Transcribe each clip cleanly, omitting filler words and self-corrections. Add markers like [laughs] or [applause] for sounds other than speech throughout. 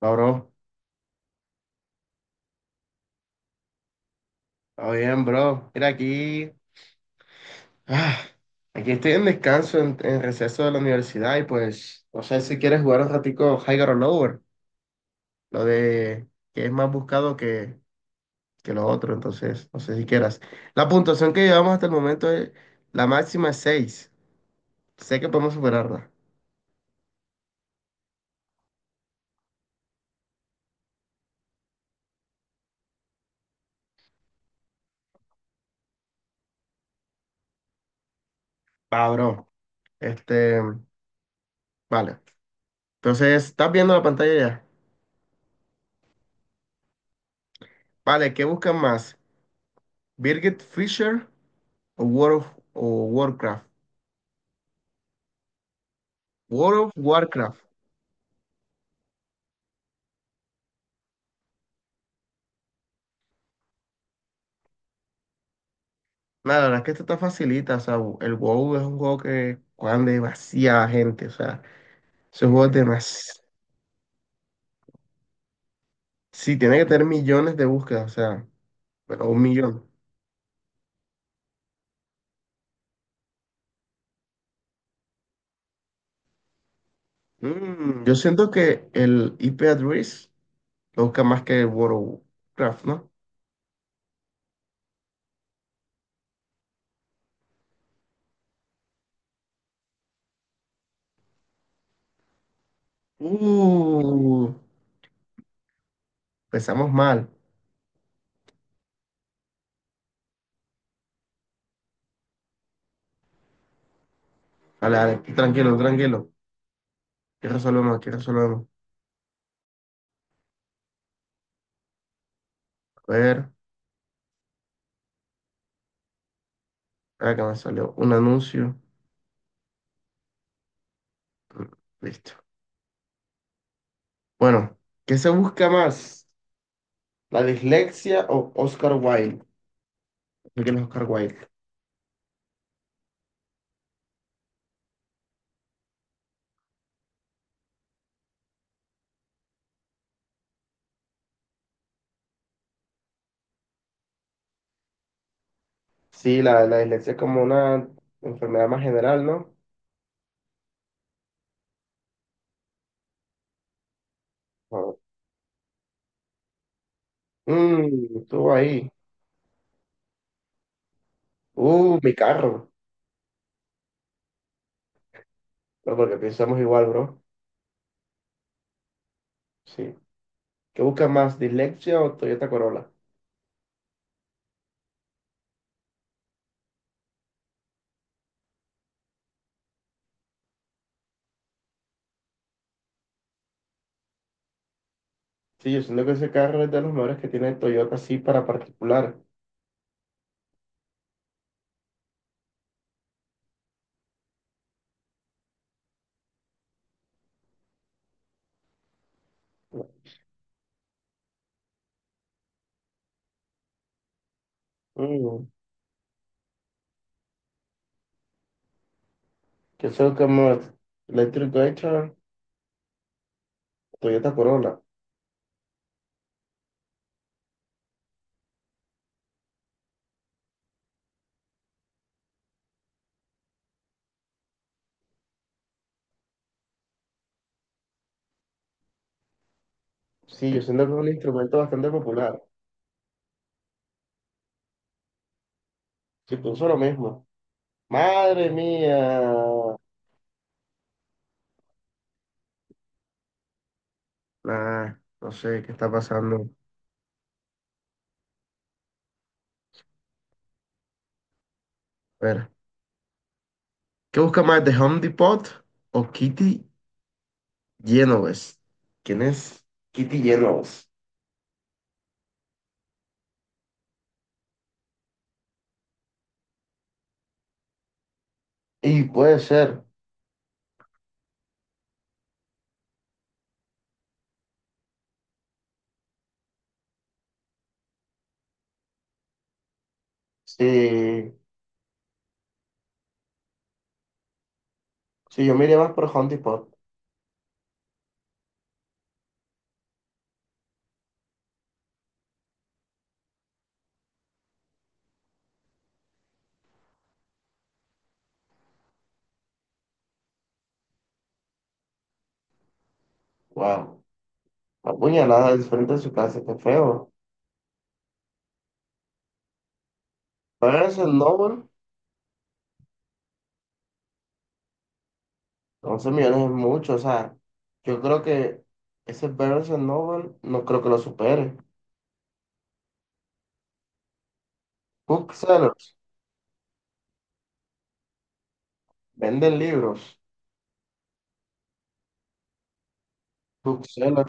Va, bro. Está bien, bro. Mira, aquí. ah, Aquí estoy en descanso, en receso de la universidad. Y pues, no sé si quieres jugar un ratico Higher or Lower. Lo de que es más buscado que lo otro. Entonces, no sé si quieras. La puntuación que llevamos hasta el momento es. La máxima es seis. Sé que podemos superarla. Va, bro. Este. Vale. Entonces, ¿estás viendo la pantalla ya? Vale, ¿qué buscan más? ¿Birgit Fisher o World of, o Warcraft? World of Warcraft. Nada, la verdad es que esto está facilita, o sea, el WoW es un juego que juegan demasiada gente, o sea, ese juego es demasiado... Sí, tiene que tener millones de búsquedas, o sea, pero 1 millón. Mm, yo siento que el IP address lo busca más que el World of Warcraft, ¿no? Uh, Empezamos mal. Vale, vale, tranquilo, tranquilo. Aquí resolvemos, aquí resolvemos. A ver, acá me salió un anuncio. Mm, listo. Bueno, ¿qué se busca más? La dislexia o Oscar Wilde. ¿De ¿Quién es Oscar Wilde? Sí, la dislexia es como una enfermedad más general, ¿no? Ah. Estuvo ahí. Mi carro. No, porque pensamos igual, bro. Sí. ¿Qué busca más, dislexia o Toyota Corolla? Sí, yo siento que ese carro es de los mejores que tiene Toyota, sí, para particular. Mm, Yo soy como Electric Guitar, Toyota Corolla. Sí, yo siento que es un instrumento bastante popular. Si puso lo mismo. Madre mía. Nah, no sé qué está pasando. A ver, ¿qué busca más, de Home Depot o Kitty Genovese? ¿Quién es Kitty Genovese? Y puede ser, si, si yo me iría más por Home Depot. Wow, la puñalada al frente de su casa, qué feo. Barnes Noble, 11 millones es mucho, o sea, yo creo que ese Barnes Noble no creo que lo supere. Booksellers, venden libros. Booksellers.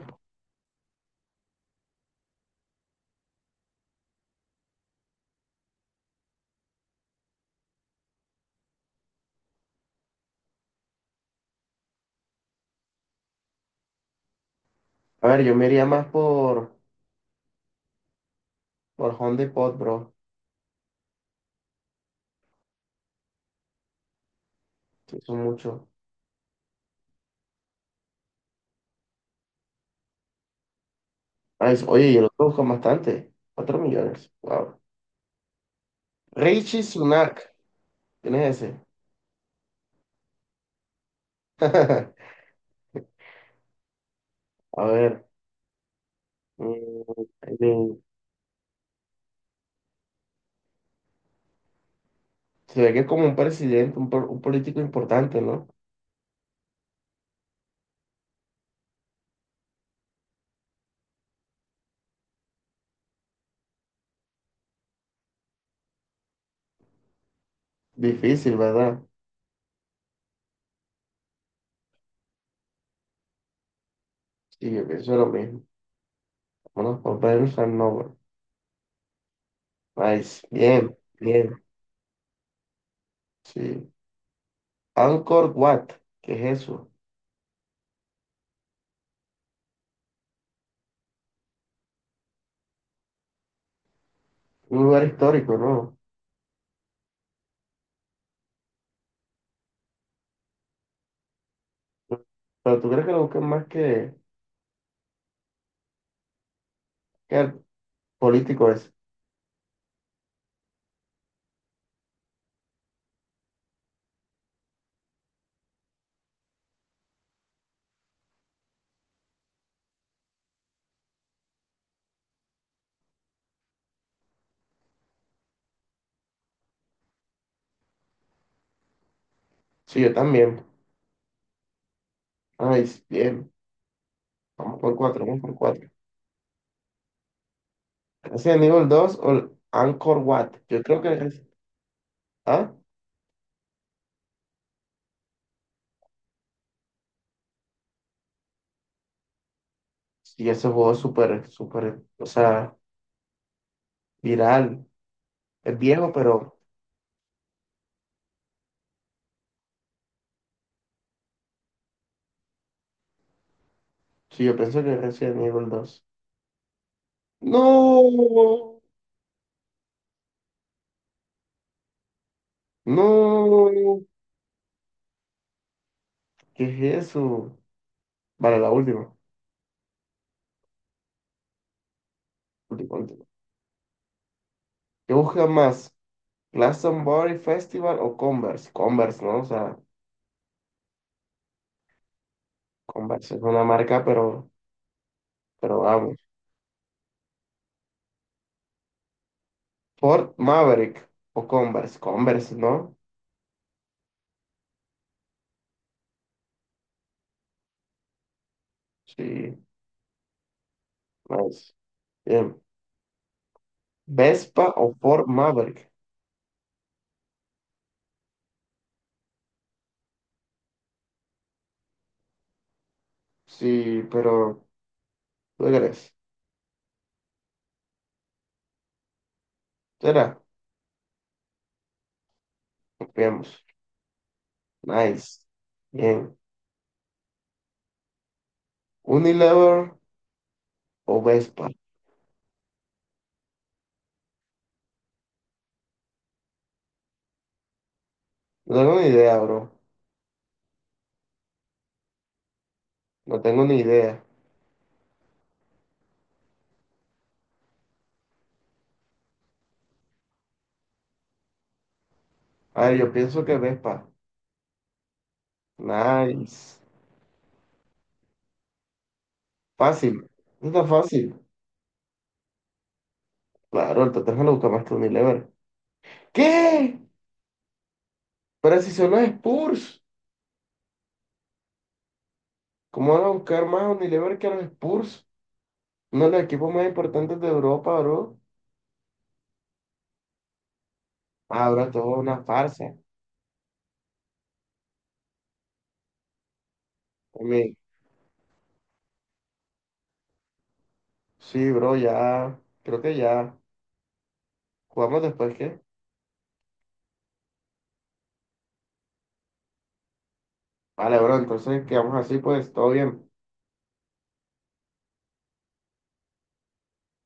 A ver, yo me iría más por. Por Honda y Pod, bro. Sí, son mucho. Ah, es- oye, yo lo busco bastante. 4 millones. Wow. Richie Sunak. ¿Quién es ese? [laughs] A ver. mm, eh, Se ve que es como un presidente, un político importante, ¿no? Difícil, ¿verdad? Sí, yo pienso lo mismo. Vámonos por Ben Noble. Nice. Bien, bien. Sí. Angkor Wat. ¿Qué es eso? Un lugar histórico, ¿no? Pero tú crees que lo busquen más que el político es. Sí, yo también. Ay, bien. Vamos por cuatro, vamos por cuatro. Resident Evil dos o el Angkor Wat. Yo creo que es. Ah, sí, ese juego es súper, súper, o sea, viral. Es viejo, pero sí, yo pienso que es Resident Evil 2. No, no, ¿qué es eso? Vale, la última. Última, última. ¿Qué busca más? ¿Glastonbury Festival o Converse? Converse, ¿no? O sea, Converse es una marca, pero vamos. Ford Maverick o Converse, Converse, ¿no? Sí, nice. Bien. Vespa o Ford Maverick. Sí, pero ¿tú qué crees? ¿Será? Confiamos. Nice. Bien. Unilever o Vespa. No tengo ni idea, bro. No tengo ni idea. A ver, yo pienso que Vespa. Nice. Fácil. No está fácil. Claro, el Tottenham lo busca más que Unilever. ¿Qué? Pero si son los Spurs. ¿Cómo van a buscar más Unilever que a los Spurs? Uno de los equipos más importantes de Europa, bro. Ahora todo una farsa. También. Sí, bro, ya. Creo que ya jugamos después, ¿qué? Vale, bro, entonces quedamos así, pues todo bien.